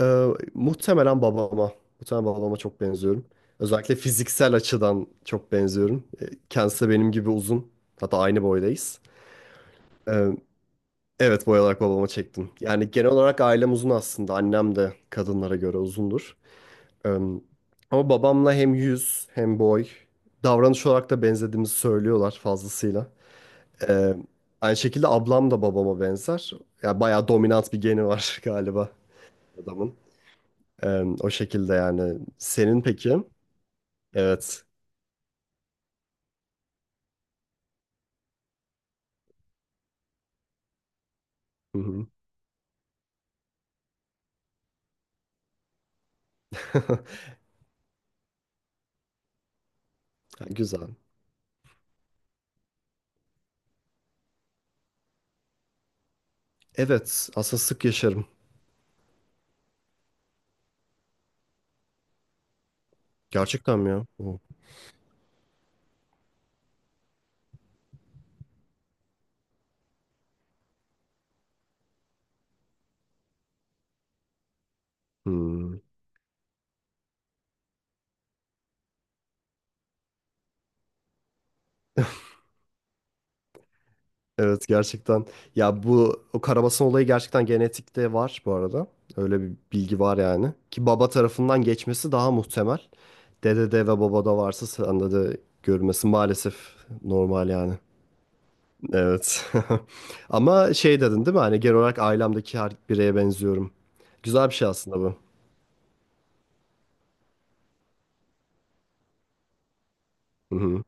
Ee, muhtemelen babama. Muhtemelen babama çok benziyorum. Özellikle fiziksel açıdan çok benziyorum. Kendisi de benim gibi uzun. Hatta aynı boydayız. Ee, evet, boy olarak babama çektim. Yani genel olarak ailem uzun aslında. Annem de kadınlara göre uzundur. Ee, ama babamla hem yüz hem boy davranış olarak da benzediğimizi söylüyorlar fazlasıyla. Ee, aynı şekilde ablam da babama benzer. Yani bayağı dominant bir geni var galiba adamın. Ee, o şekilde yani. Senin peki? Evet. Hı hı. Güzel. Evet, aslında sık yaşarım. Gerçekten mi ya? Hmm. Evet, gerçekten. Ya bu o karabasan olayı gerçekten genetikte var bu arada. Öyle bir bilgi var yani. Ki baba tarafından geçmesi daha muhtemel. Dedede ve babada varsa sende de görülmesi maalesef normal yani. Evet. Ama şey dedin değil mi? Hani genel olarak ailemdeki her bireye benziyorum. Güzel bir şey aslında bu. Hı hı.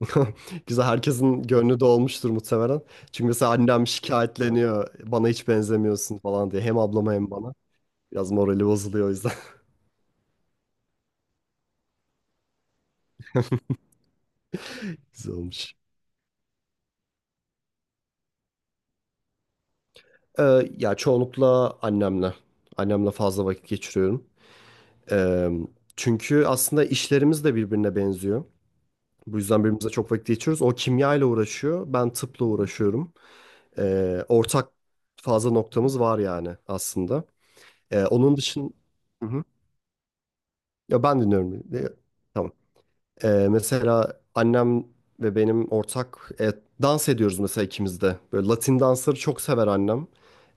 Güzel, herkesin gönlü dolmuştur muhtemelen. Çünkü mesela annem şikayetleniyor. Bana hiç benzemiyorsun falan diye. Hem ablama hem bana. Biraz morali bozuluyor o yüzden. Güzel olmuş. Ya çoğunlukla annemle. Annemle fazla vakit geçiriyorum. Ee, çünkü aslında işlerimiz de birbirine benziyor. Bu yüzden birbirimize çok vakit geçiriyoruz. O kimya ile uğraşıyor. Ben tıpla uğraşıyorum. Ortak fazla noktamız var yani aslında. Onun dışında. Hı hı. Ya ben dinliyorum. Tamam. Mesela annem ve benim ortak dans ediyoruz mesela ikimiz de. Böyle Latin dansları çok sever annem.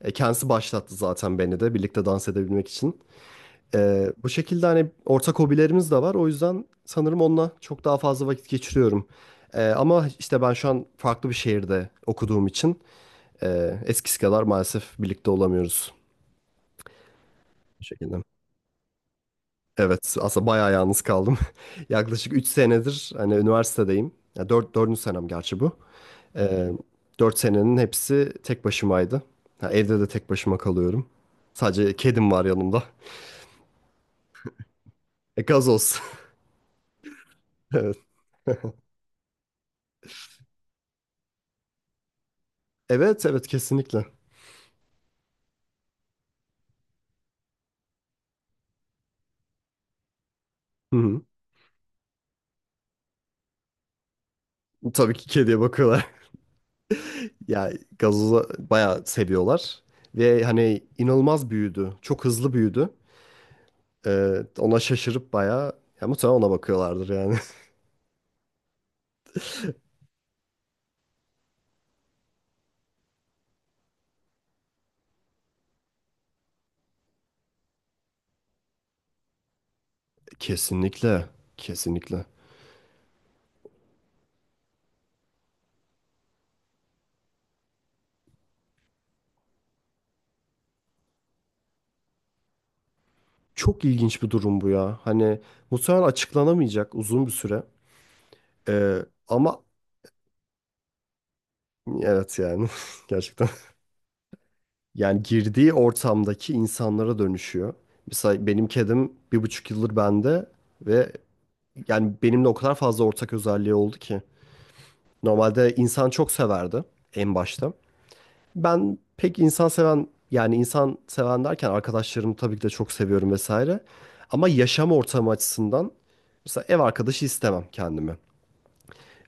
Kendisi başlattı zaten beni de birlikte dans edebilmek için. Bu şekilde hani ortak hobilerimiz de var. O yüzden sanırım onunla çok daha fazla vakit geçiriyorum. Ama işte ben şu an farklı bir şehirde okuduğum için eskisi kadar maalesef birlikte olamıyoruz bu şekilde. Evet, aslında bayağı yalnız kaldım. Yaklaşık 3 senedir hani üniversitedeyim. Ya 4, 4. senem gerçi bu. Ee, 4 senenin hepsi tek başımaydı. Ha, evde de tek başıma kalıyorum. Sadece kedim var yanımda. Gazoz. Evet. Evet, evet, kesinlikle. Hı hı. Tabii ki kediye bakıyorlar. Ya gazozu bayağı seviyorlar. Ve hani inanılmaz büyüdü. Çok hızlı büyüdü. Ona şaşırıp bayağı ya muhtemelen ona bakıyorlardır yani. Kesinlikle. Kesinlikle. Çok ilginç bir durum bu ya. Hani muhtemelen açıklanamayacak uzun bir süre. Ama evet yani gerçekten. Yani girdiği ortamdaki insanlara dönüşüyor. Mesela benim kedim 1,5 yıldır bende ve yani benimle o kadar fazla ortak özelliği oldu ki. Normalde insan çok severdi en başta. Ben pek insan seven, yani insan seven derken arkadaşlarımı tabii ki de çok seviyorum vesaire. Ama yaşam ortamı açısından mesela ev arkadaşı istemem kendime.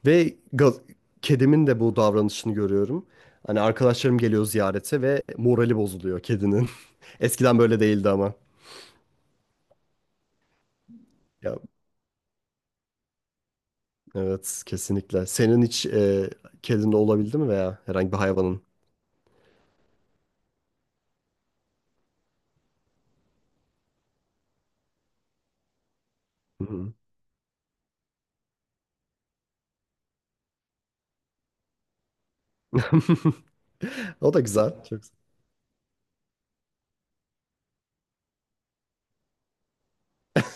Ve kedimin de bu davranışını görüyorum. Hani arkadaşlarım geliyor ziyarete ve morali bozuluyor kedinin. Eskiden böyle değildi ama. Ya, evet kesinlikle. Senin hiç kedin de olabildi mi veya herhangi bir hayvanın? Hı hı. O da güzel. Çok.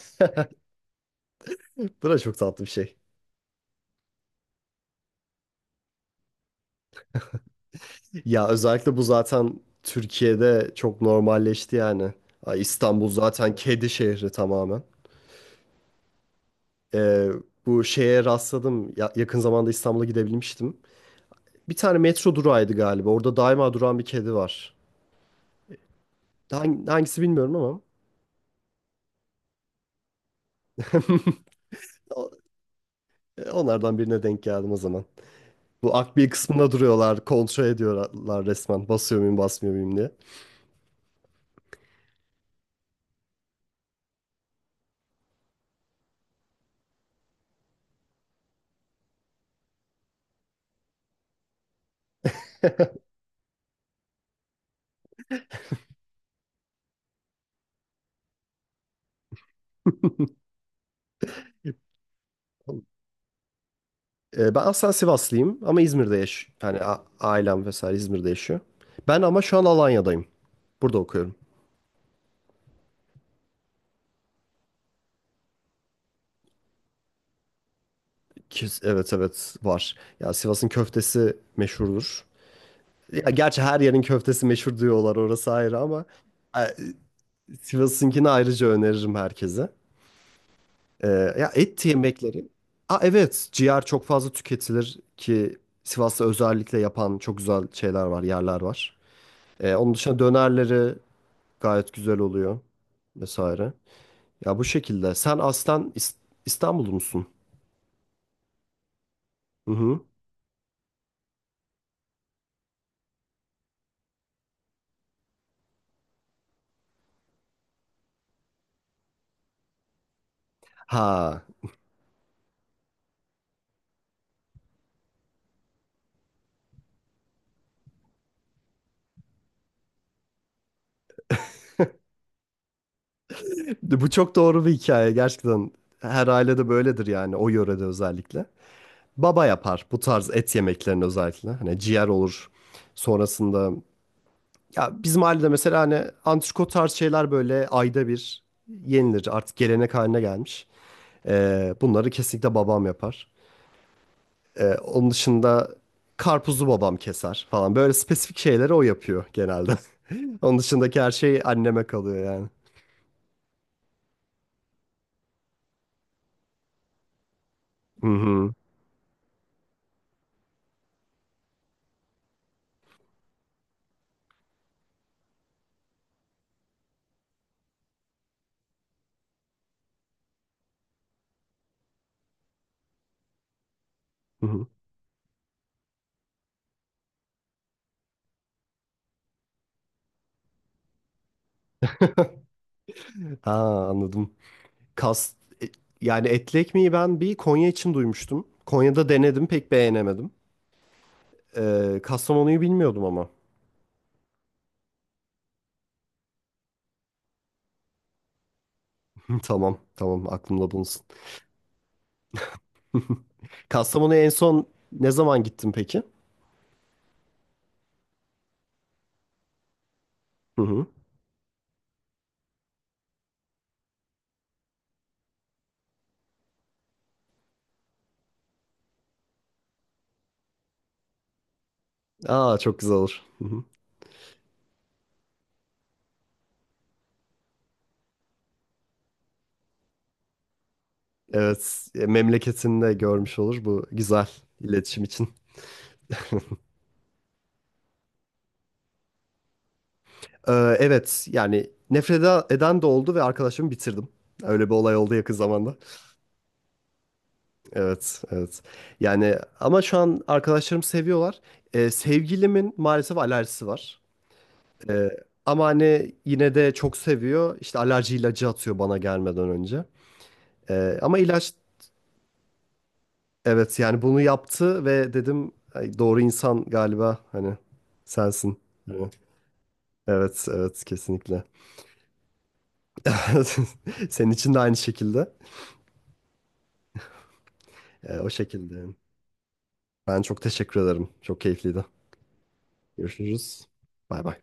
Bu da çok tatlı bir şey. Ya özellikle bu zaten Türkiye'de çok normalleşti yani. Ay, İstanbul zaten kedi şehri tamamen. Ee, bu şeye rastladım. Yakın zamanda İstanbul'a gidebilmiştim. Bir tane metro durağıydı galiba. Orada daima duran bir kedi var. Hangisi bilmiyorum ama. O- Onlardan birine denk geldim o zaman. Bu akbil kısmında duruyorlar. Kontrol ediyorlar resmen. Basıyor muyum basmıyor muyum diye. Ben aslında Sivaslıyım ama İzmir'de yani ailem vesaire İzmir'de yaşıyor. Ben ama şu an Alanya'dayım. Burada okuyorum. Evet, evet var. Ya Sivas'ın köftesi meşhurdur. Ya gerçi her yerin köftesi meşhur diyorlar, orası ayrı, ama e, Sivas'ınkini ayrıca öneririm herkese. Ya et yemekleri. Aa evet, ciğer çok fazla tüketilir ki Sivas'ta özellikle yapan çok güzel şeyler var, yerler var. Onun dışında dönerleri gayet güzel oluyor vesaire. Ya bu şekilde. Sen aslen İstanbullu musun? Hı hı. Ha. Bu çok doğru bir hikaye gerçekten. Her ailede böyledir yani, o yörede özellikle. Baba yapar bu tarz et yemeklerini özellikle. Hani ciğer olur. Sonrasında. Ya bizim ailede mesela hani antrikot tarz şeyler böyle ayda bir yenilir. Artık gelenek haline gelmiş. Bunları kesinlikle babam yapar. Onun dışında karpuzu babam keser falan. Böyle spesifik şeyleri o yapıyor genelde. Onun dışındaki her şey anneme kalıyor yani. Hı hı. Hı hı. Ha, anladım. Kas e, yani etli ekmeği ben bir Konya için duymuştum. Konya'da denedim, pek beğenemedim. Kastamonu'yu bilmiyordum ama. Tamam, tamam, aklımda bulunsun. Kastamonu'ya en son ne zaman gittin peki? Hı hı. Aa çok güzel olur. Hı hı. Evet, memleketini de görmüş olur bu güzel iletişim için. Ee, evet, yani nefret eden de oldu ve arkadaşımı bitirdim. Öyle bir olay oldu yakın zamanda. Evet, evet. Yani ama şu an arkadaşlarım seviyorlar. Sevgilimin maalesef alerjisi var. Ee, ama hani yine de çok seviyor. İşte alerji ilacı atıyor bana gelmeden önce. Ama ilaç, evet yani bunu yaptı ve dedim "Ay, doğru insan galiba hani sensin. Hani, evet, evet, kesinlikle. Senin için de aynı şekilde. O şekilde. Yani. Ben çok teşekkür ederim. Çok keyifliydi. Görüşürüz. Bay bay.